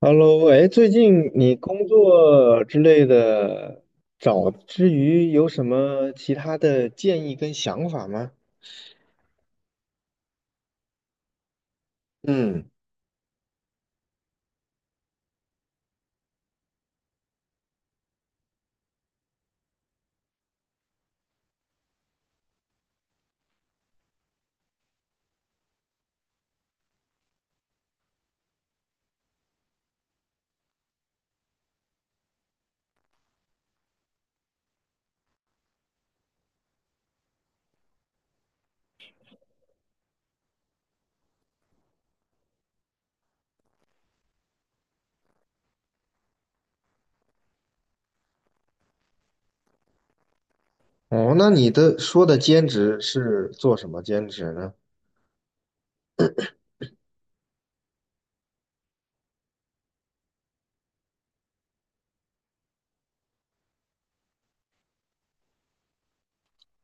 Hello，哎，最近你工作之类的找之余，有什么其他的建议跟想法吗？嗯，哦，那你的说的兼职是做什么兼职呢？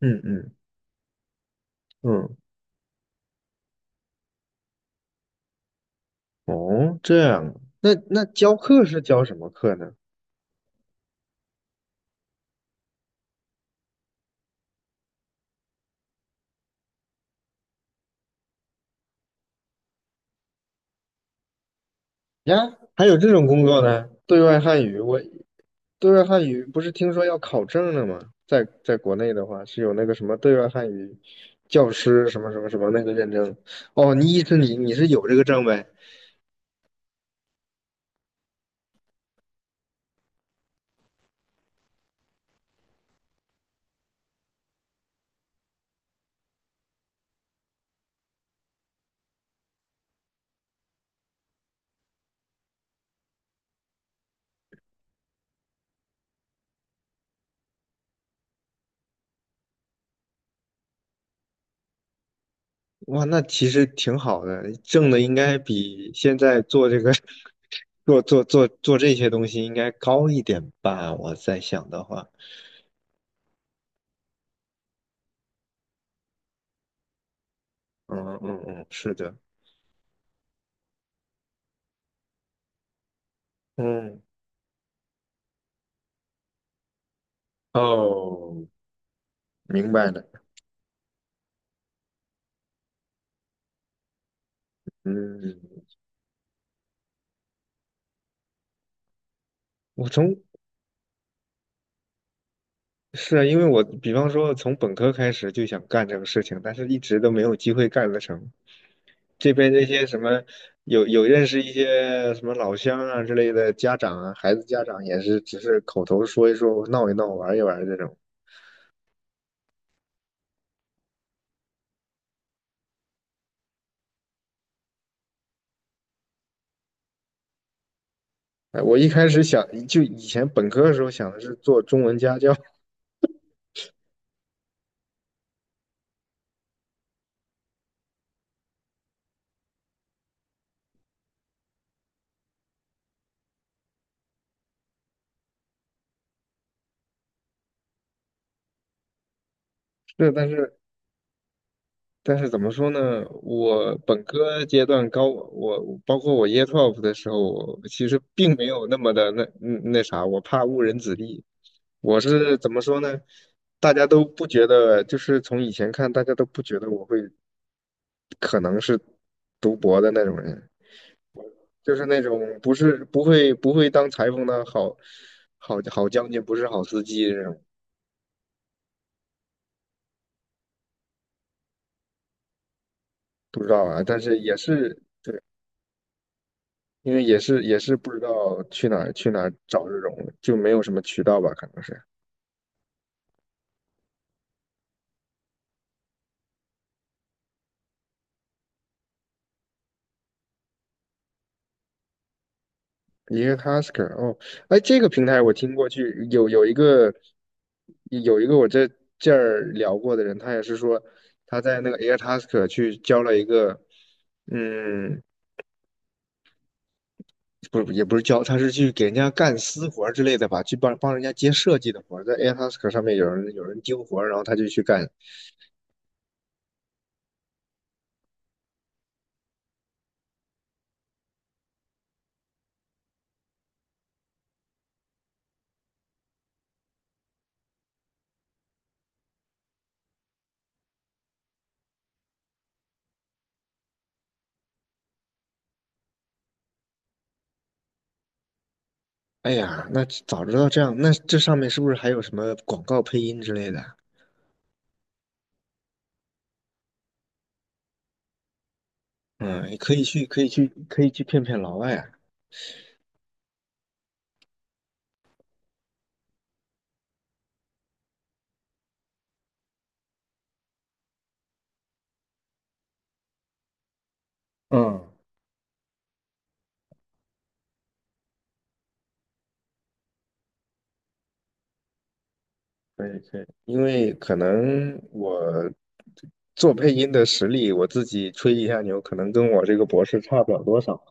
嗯嗯嗯，哦，这样，那教课是教什么课呢？呀，还有这种工作呢？对外汉语，我对外汉语不是听说要考证了吗？在国内的话，是有那个什么对外汉语教师什么什么什么那个认证。哦，你意思你是有这个证呗？哇，那其实挺好的，挣的应该比现在做这个 做这些东西应该高一点吧？我在想的话，嗯嗯嗯，是的，嗯，哦，明白了，嗯。我从是啊，因为我比方说从本科开始就想干这个事情，但是一直都没有机会干得成。这边这些什么有认识一些什么老乡啊之类的家长啊，孩子家长也是只是口头说一说，闹一闹，玩一玩这种。哎我一开始想就以前本科的时候想的是做中文家教，是，但是但是怎么说呢？我本科阶段高，我包括我 Year Twelve 的时候，我其实并没有那么的那那啥，我怕误人子弟。我是怎么说呢？大家都不觉得，就是从以前看，大家都不觉得我会可能是读博的那种人，就是那种不是不会当裁缝的好好将军，不是好司机这种，不知道啊。但是也是因为也是不知道去哪儿找这种，就没有什么渠道吧，可能是一个 Tasker 哦，哎，这个平台我听过去，有一个有一个我这儿聊过的人，他也是说他在那个 Air Tasker 去交了一个，嗯，不是也不是交，他是去给人家干私活儿之类的吧，去帮人家接设计的活儿，在 Air Tasker 上面有人丢活儿，然后他就去干。哎呀，那早知道这样，那这上面是不是还有什么广告配音之类的？嗯，可以去，可以去，可以去骗骗老外啊。嗯，可以可以，因为可能我做配音的实力，我自己吹一下牛，可能跟我这个博士差不了多少。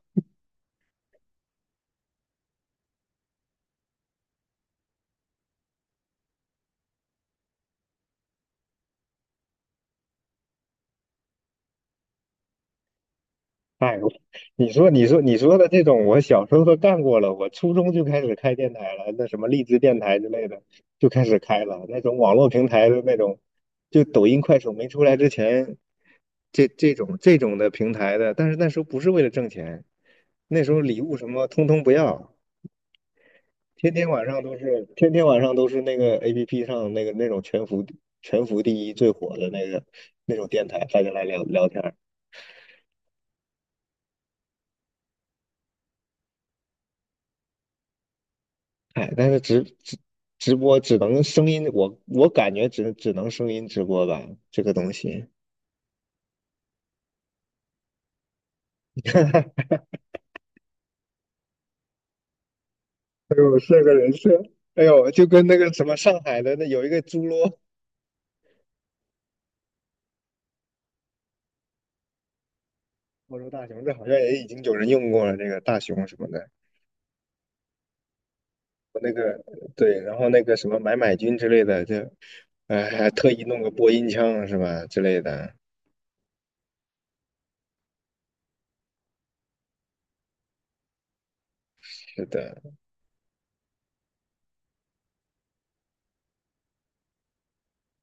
哎，我你说你说的这种，我小时候都干过了。我初中就开始开电台了，那什么荔枝电台之类的就开始开了。那种网络平台的那种，就抖音、快手没出来之前，这种的平台的，但是那时候不是为了挣钱，那时候礼物什么通通不要，天天晚上都是那个 APP 上那个那种全服第一最火的那个那种电台，大家来聊聊天。哎，但是直播只能声音，我感觉只能声音直播吧，这个东西。哎呦，是个人设，哎呦，就跟那个什么上海的那有一个猪猡，我说大熊，这好像也已经有人用过了，那个大熊什么的，我那个对，然后那个什么买买君之类的，就，哎，还特意弄个播音腔是吧之类的，是的，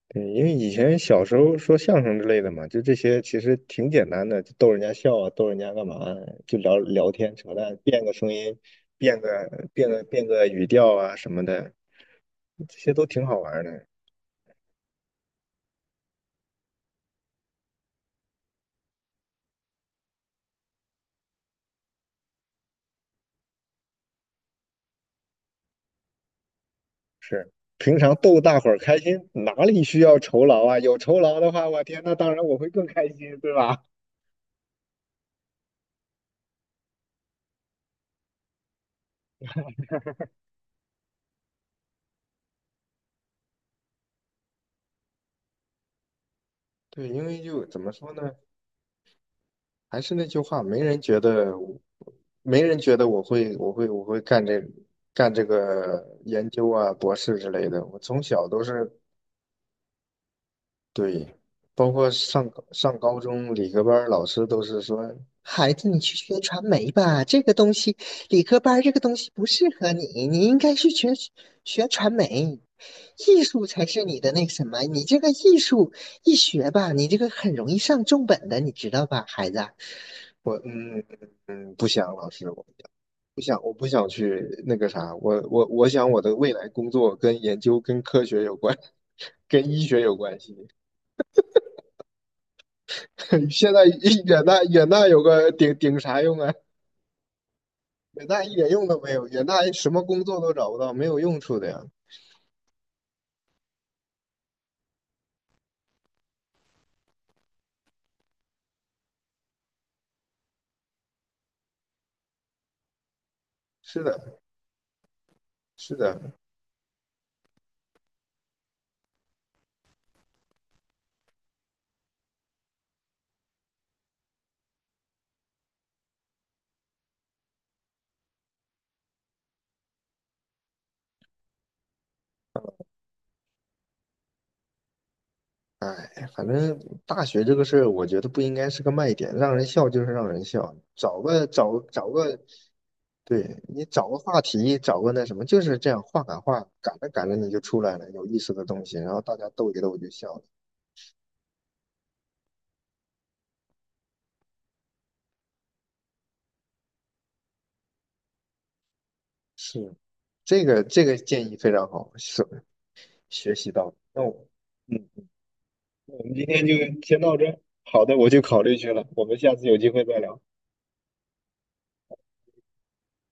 对，因为以前小时候说相声之类的嘛，就这些其实挺简单的，就逗人家笑啊，逗人家干嘛，就聊聊天扯淡，变个声音，变个变个语调啊什么的，这些都挺好玩儿的。是，平常逗大伙儿开心，哪里需要酬劳啊？有酬劳的话，我天，那当然我会更开心，对吧？对，因为就怎么说呢？还是那句话，没人觉得我会干这个研究啊，博士之类的。我从小都是对，包括上高中理科班儿老师都是说，孩子，你去学传媒吧，这个东西理科班儿这个东西不适合你，你应该去学学传媒，艺术才是你的那个什么，你这个艺术一学吧，你这个很容易上重本的，你知道吧，孩子？我不想，老师，我不想，我不想去那个啥，我想我的未来工作跟研究跟科学有关，跟医学有关系。现在一远大远大有个顶啥用啊？远大一点用都没有，远大什么工作都找不到，没有用处的呀。是的，是的，哎，反正大学这个事儿，我觉得不应该是个卖点，让人笑就是让人笑，找个对你找个话题，找个那什么，就是这样话赶话，赶着赶着你就出来了有意思的东西，然后大家逗一逗就笑了。是，这个建议非常好，是学习到了。那我，嗯，那我们今天就先到这儿好的，我去考虑去了，我们下次有机会再聊。